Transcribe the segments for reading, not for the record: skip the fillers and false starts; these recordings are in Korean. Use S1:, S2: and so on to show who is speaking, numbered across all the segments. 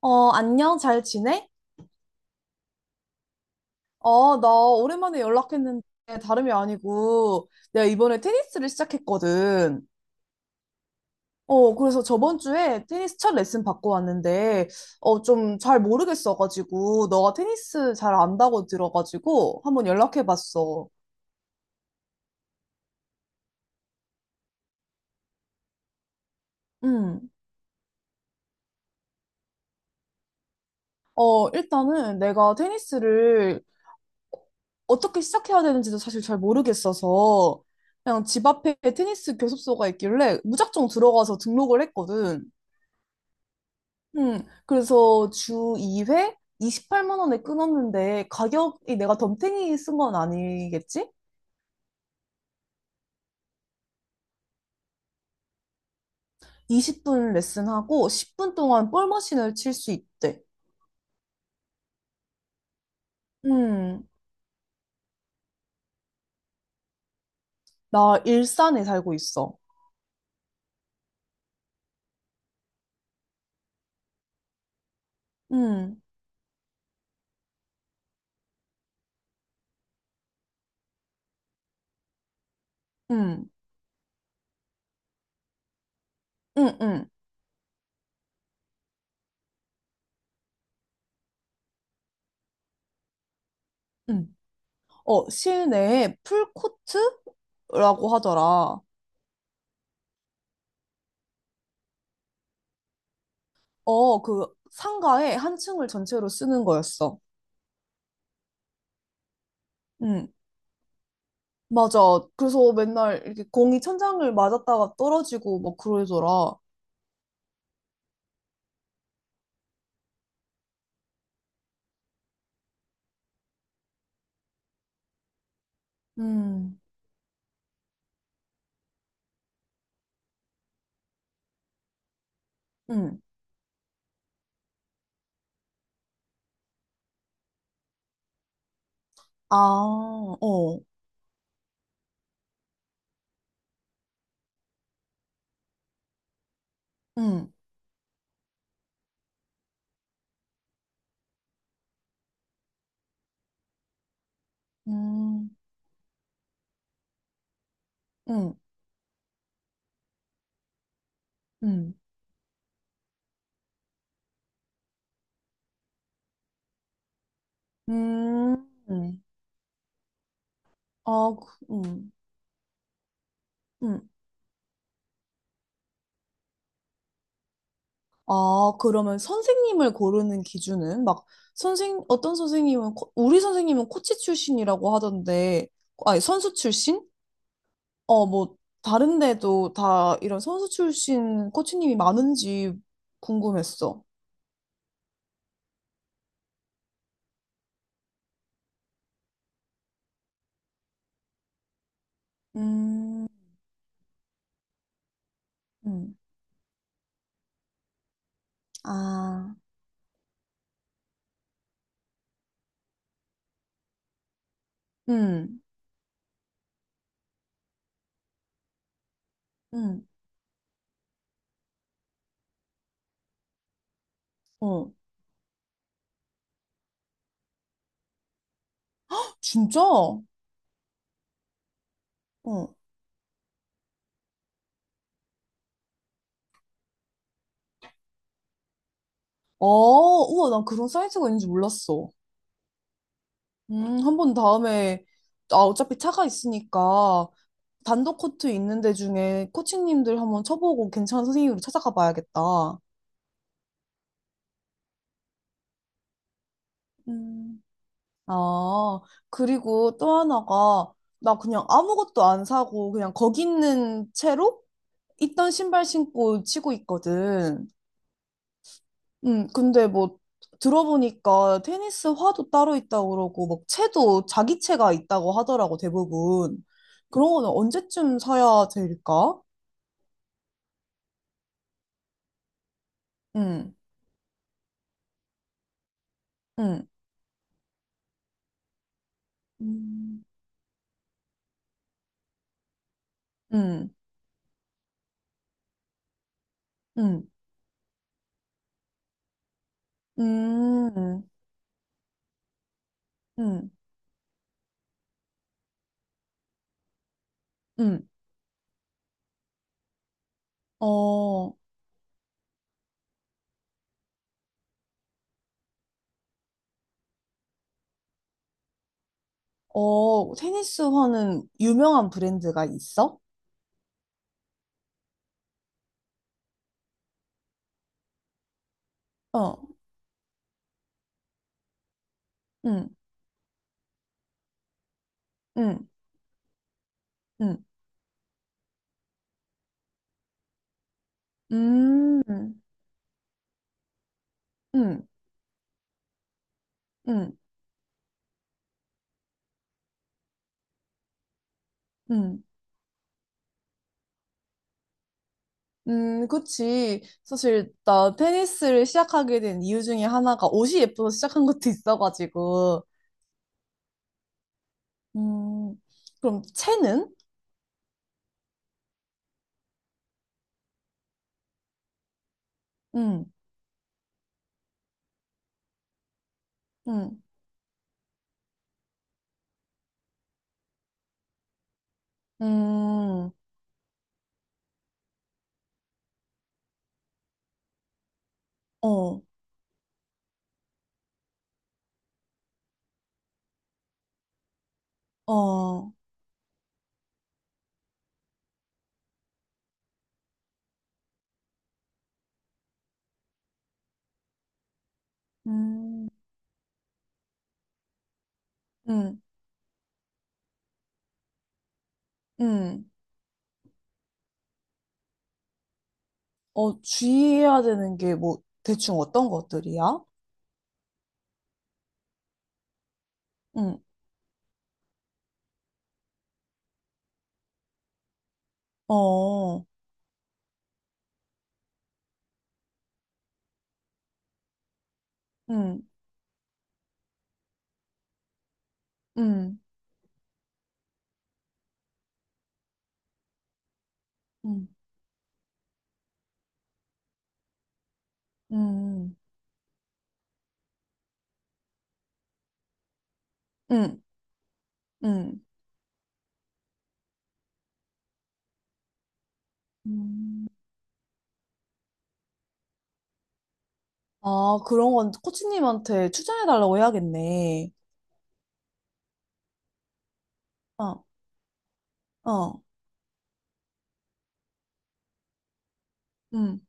S1: 안녕, 잘 지내? 나 오랜만에 연락했는데 다름이 아니고 내가 이번에 테니스를 시작했거든. 그래서 저번 주에 테니스 첫 레슨 받고 왔는데 좀 잘 모르겠어가지고 너가 테니스 잘 안다고 들어가지고 한번 연락해봤어. 음. 일단은 내가 테니스를 어떻게 시작해야 되는지도 사실 잘 모르겠어서 그냥 집 앞에 테니스 교습소가 있길래 무작정 들어가서 등록을 했거든. 그래서 주 2회 28만 원에 끊었는데 가격이 내가 덤탱이 쓴 건 아니겠지? 20분 레슨하고 10분 동안 볼 머신을 칠 수 있대. 음, 나 일산에 살고 있어. 음, 음, 음, 음, 음. 실내에 풀코트라고 하더라. 그 상가에 한 층을 전체로 쓰는 거였어. 음, 맞아. 그래서 맨날 이렇게 공이 천장을 맞았다가 떨어지고 막 그러더라. 음, 음, 아, 어, 음, 음, 음, 음, 음, 아, 그- 음, 음. 아, 그러면 선생님을 고르는 기준은 막 선생 어떤 선생님은 우리 선생님은 코치 출신이라고 하던데, 아니 선수 출신? 어, 뭐 다른 데도 다 이런 선수 출신 코치님이 많은지 궁금했어. 음, 음, 아, 음, 음, 어, 진짜? 응. 우와, 난 그런 사이트가 있는지 몰랐어. 한번 다음에, 아, 어차피 차가 있으니까, 단독 코트 있는 데 중에 코치님들 한번 쳐보고 괜찮은 선생님으로 찾아가 봐야겠다. 음, 아, 그리고 또 하나가, 나 그냥 아무것도 안 사고, 그냥 거기 있는 채로 있던 신발 신고 치고 있거든. 근데 뭐 들어보니까 테니스 화도 따로 있다고 그러고 막 채도 자기 채가 있다고 하더라고 대부분. 그런 거는 언제쯤 사야 될까? 음, 음, 음, 음, 음, 음, 음, 음. 어, 어, 테니스 화는 유명한 브랜드가 있어? 어, 음, 음, 음, 음, 음, 음, 음. 그치. 사실, 나 테니스를 시작하게 된 이유 중에 하나가 옷이 예뻐서 시작한 것도 있어가지고. 음, 그럼 채는? 음, 음, 음, 어, 어, 음, 음, 음. 주의해야 되는 게 뭐, 대충 어떤 것들이야? 음, 어, 음, 음, 음, 음, 음, 음. 음. 아, 그런 건 코치님한테 추천해달라고 해야겠네. 어. 어. 응.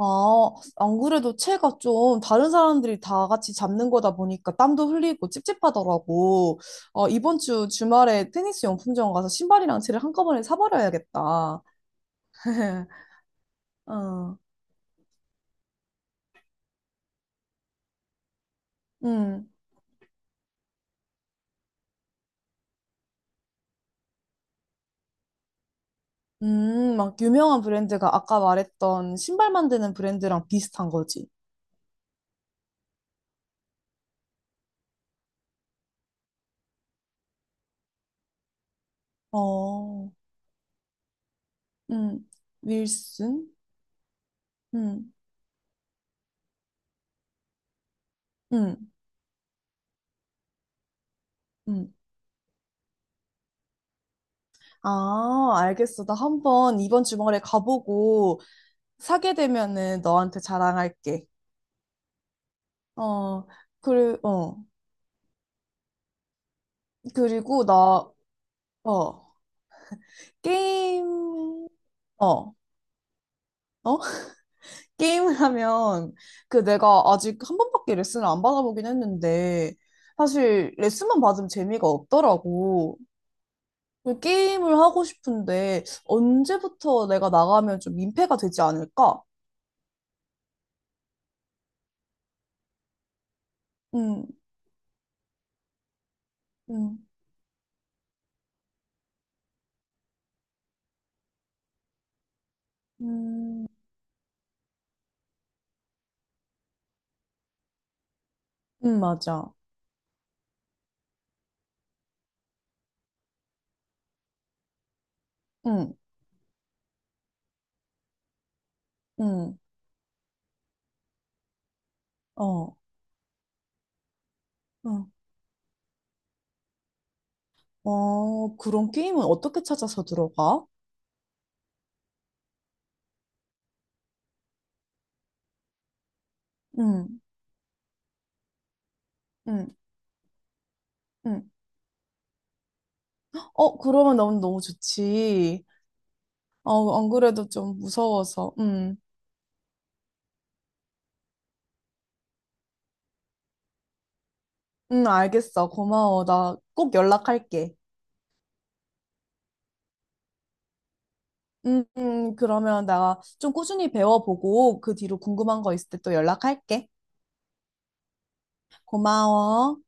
S1: 아, 안 그래도 채가 좀 다른 사람들이 다 같이 잡는 거다 보니까 땀도 흘리고 찝찝하더라고. 이번 주 주말에 테니스 용품점 가서 신발이랑 채를 한꺼번에 사버려야겠다. 어, 음, 막 유명한 브랜드가 아까 말했던 신발 만드는 브랜드랑 비슷한 거지. 어, 음, 윌슨? 음, 음, 음. 아, 알겠어. 나 한번 이번 주말에 가보고 사게 되면은 너한테 자랑할게. 어, 어, 그리고 나, 어, 게임, 어, 어? 게임을 하면, 그 내가 아직 한 번밖에 레슨을 안 받아보긴 했는데, 사실 레슨만 받으면 재미가 없더라고. 그 게임을 하고 싶은데, 언제부터 내가 나가면 좀 민폐가 되지 않을까? 응, 응, 응, 응, 맞아. 응, 응, 어, 응. 그런 게임은 어떻게 찾아서 들어가? 응, 응, 응. 그러면 너무 너무 좋지. 안 그래도 좀 무서워서. 응, 응, 알겠어. 고마워. 나 꼭 연락할게. 응, 응, 그러면 나 좀 꾸준히 배워보고 그 뒤로 궁금한 거 있을 때 또 연락할게. 고마워.